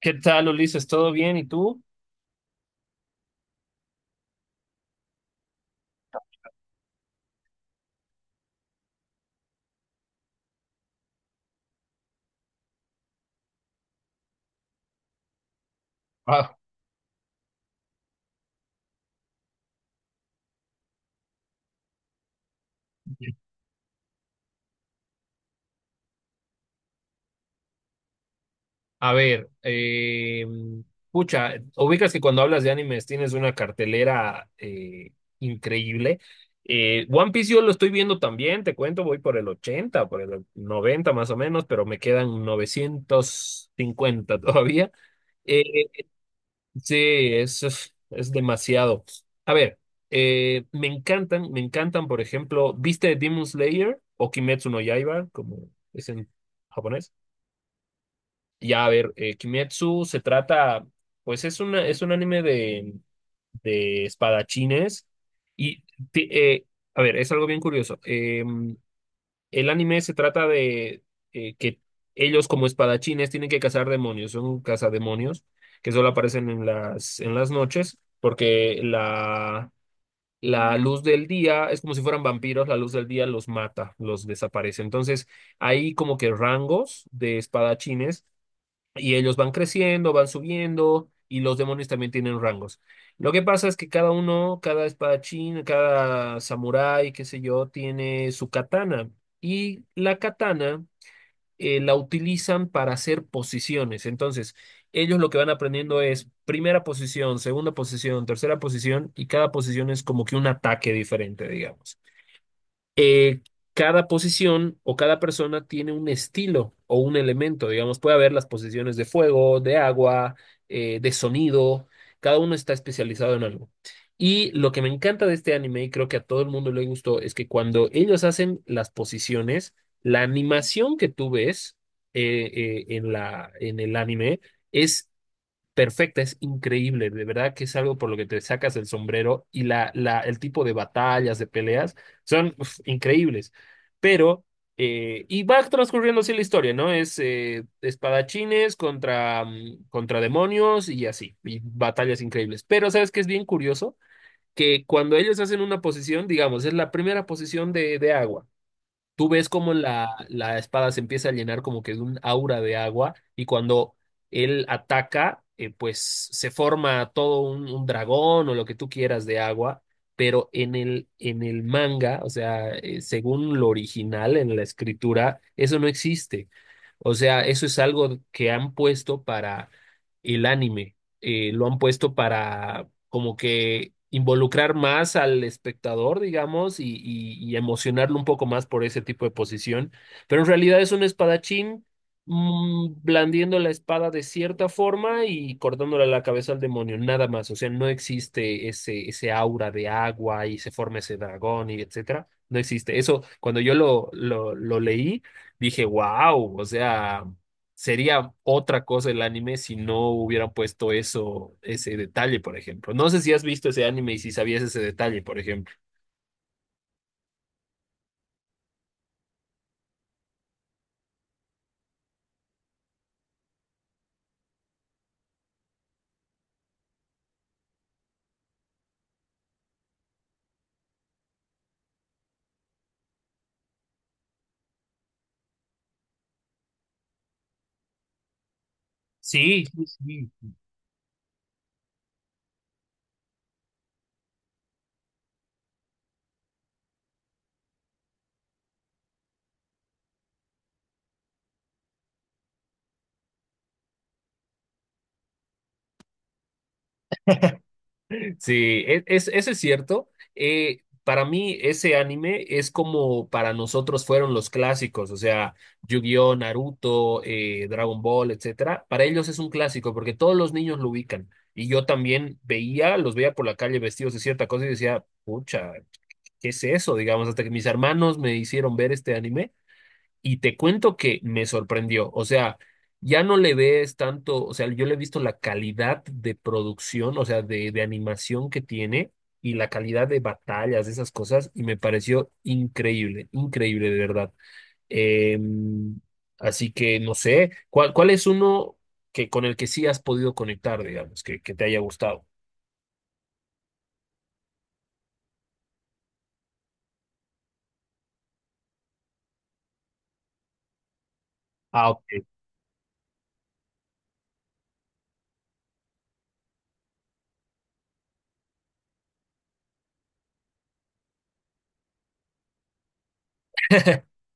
¿Qué tal, Ulises? ¿Todo bien? ¿Y tú? Ah, a ver, pucha, ubicas que cuando hablas de animes tienes una cartelera increíble. One Piece yo lo estoy viendo también, te cuento, voy por el 80, por el 90 más o menos, pero me quedan 950 todavía. Eh, Sí, eso es demasiado. A ver, me encantan, por ejemplo, ¿viste Demon Slayer o Kimetsu no Yaiba, como es en japonés? Ya, a ver, Kimetsu se trata, pues es una, es un anime de espadachines y, ti- eh, a ver, es algo bien curioso. El anime se trata de que ellos como espadachines tienen que cazar demonios, son cazademonios que solo aparecen en las noches porque la luz del día es como si fueran vampiros, la luz del día los mata, los desaparece. Entonces hay como que rangos de espadachines y ellos van creciendo, van subiendo, y los demonios también tienen rangos. Lo que pasa es que cada uno, cada espadachín, cada samurái, qué sé yo, tiene su katana. Y la katana la utilizan para hacer posiciones. Entonces, ellos lo que van aprendiendo es primera posición, segunda posición, tercera posición, y cada posición es como que un ataque diferente, digamos eh, cada posición o cada persona tiene un estilo o un elemento, digamos, puede haber las posiciones de fuego, de agua, de sonido, cada uno está especializado en algo. Y lo que me encanta de este anime, y creo que a todo el mundo le gustó, es que cuando ellos hacen las posiciones, la animación que tú ves en la, en el anime es perfecta, es increíble, de verdad que es algo por lo que te sacas el sombrero y la, el tipo de batallas, de peleas, son uf, increíbles. Pero, y va transcurriendo así la historia, ¿no? Es espadachines contra, contra demonios y así, y batallas increíbles. Pero, ¿sabes qué es bien curioso? Que cuando ellos hacen una posición, digamos, es la primera posición de agua. Tú ves cómo la, la espada se empieza a llenar como que de un aura de agua y cuando él ataca, pues se forma todo un dragón o lo que tú quieras de agua, pero en el manga, o sea, según lo original en la escritura, eso no existe. O sea, eso es algo que han puesto para el anime, lo han puesto para como que involucrar más al espectador, digamos, y, y emocionarlo un poco más por ese tipo de posición. Pero en realidad es un espadachín blandiendo la espada de cierta forma y cortándole la cabeza al demonio, nada más. O sea, no existe ese, ese aura de agua y se forma ese dragón y etcétera. No existe. Eso, cuando yo lo leí, dije, wow, o sea sería otra cosa el anime si no hubieran puesto eso, ese detalle, por ejemplo. No sé si has visto ese anime y si sabías ese detalle, por ejemplo. Sí, sí, sí. Sí, es, eso es cierto. Para mí, ese anime es como para nosotros fueron los clásicos, o sea, Yu-Gi-Oh, Naruto, Dragon Ball, etcétera. Para ellos es un clásico porque todos los niños lo ubican. Y yo también veía, los veía por la calle vestidos de cierta cosa y decía, pucha, ¿qué es eso? Digamos, hasta que mis hermanos me hicieron ver este anime y te cuento que me sorprendió. O sea, ya no le ves tanto, o sea, yo le he visto la calidad de producción, o sea, de animación que tiene y la calidad de batallas, de esas cosas, y me pareció increíble, increíble de verdad. Eh, Así que no sé, ¿cuál, cuál es uno que con el que sí has podido conectar, digamos, que te haya gustado? Ah, ok.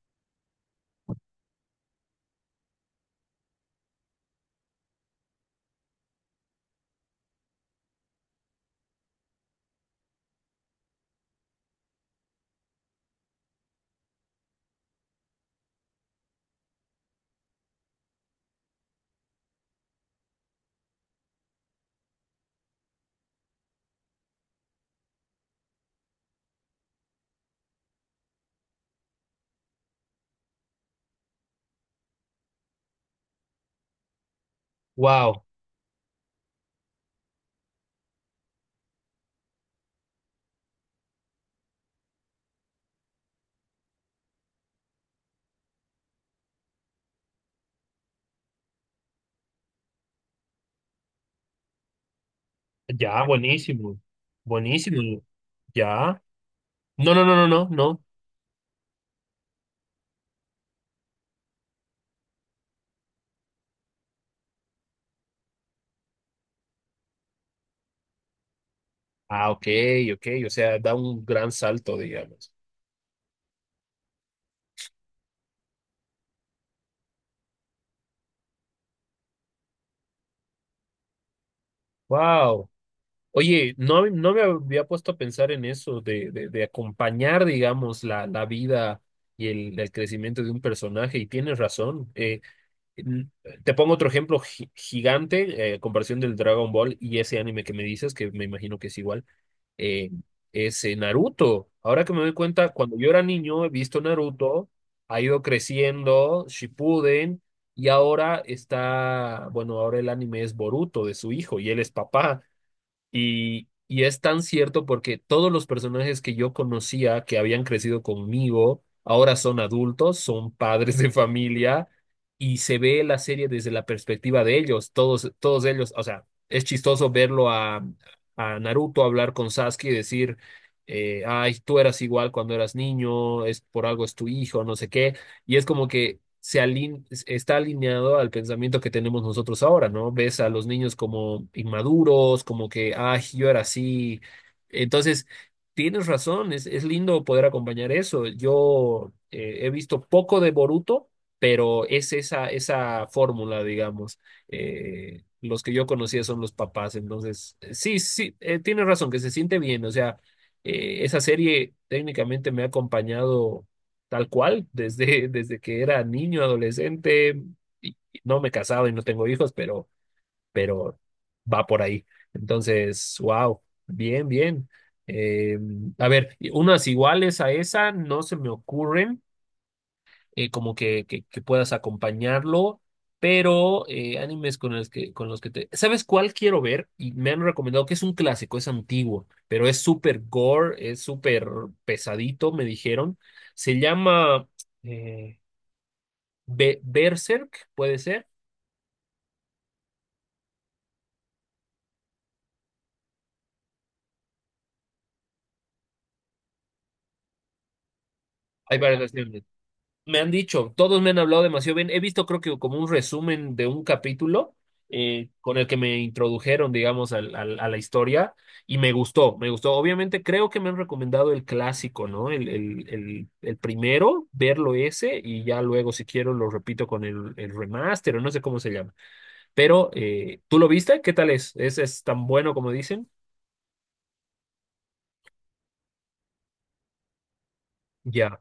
Wow. Ya, buenísimo. Buenísimo. Ya. No, no, no, no, no, no. Ah, ok, ok. O sea, da un gran salto, digamos. Wow. Oye, no, no me había puesto a pensar en eso, de acompañar, digamos, la vida y el crecimiento de un personaje. Y tienes razón. N- Te pongo otro ejemplo gigante, comparación del Dragon Ball y ese anime que me dices, que me imagino que es igual. eh, Ese Naruto. Ahora que me doy cuenta, cuando yo era niño he visto Naruto, ha ido creciendo, Shippuden, y ahora está, bueno, ahora el anime es Boruto de su hijo y él es papá. Y es tan cierto porque todos los personajes que yo conocía, que habían crecido conmigo, ahora son adultos, son padres de familia y se ve la serie desde la perspectiva de ellos, todos, todos ellos, o sea, es chistoso verlo a Naruto hablar con Sasuke y decir, ay, tú eras igual cuando eras niño, es por algo es tu hijo, no sé qué y es como que se está alineado al pensamiento que tenemos nosotros ahora, ¿no? Ves a los niños como inmaduros, como que, ay, yo era así. Entonces, tienes razón, es lindo poder acompañar eso. Yo he visto poco de Boruto, pero es esa, esa fórmula, digamos. Los que yo conocía son los papás, entonces, sí, sí, tienes razón, que se siente bien, o sea esa serie técnicamente me ha acompañado tal cual, desde, desde que era niño, adolescente, y no me he casado y no tengo hijos, pero va por ahí. Entonces, wow, bien, bien. Eh, a ver, y unas iguales a esa no se me ocurren como que puedas acompañarlo, pero animes con los que te... ¿Sabes cuál quiero ver? Y me han recomendado que es un clásico, es antiguo, pero es súper gore, es súper pesadito, me dijeron. Se llama eh, Berserk, puede ser. Hay varias versiones. Me han dicho, todos me han hablado demasiado bien. He visto, creo que como un resumen de un capítulo con el que me introdujeron, digamos, a la historia y me gustó, me gustó. Obviamente creo que me han recomendado el clásico, ¿no? El primero, verlo ese y ya luego, si quiero, lo repito con el remaster o no sé cómo se llama. Pero, ¿tú lo viste? ¿Qué tal es? Es tan bueno como dicen? Ya.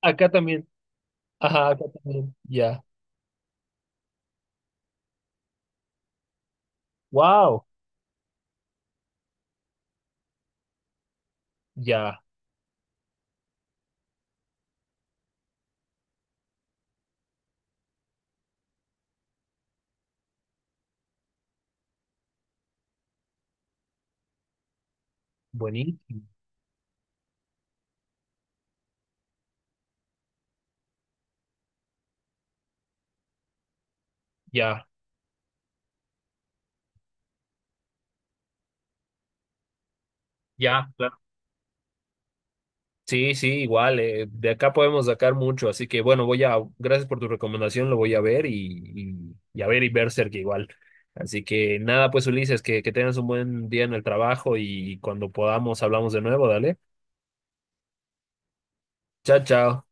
Acá también. Ajá, acá también. Ya. Wow. Ya. Buenísimo. Ya. Ya. Sí, sí, igual, de acá podemos sacar mucho, así que bueno, voy a, gracias por tu recomendación, lo voy a ver y a ver y Berserk igual. Así que nada, pues Ulises, que tengas un buen día en el trabajo y cuando podamos hablamos de nuevo, dale. Chao, chao.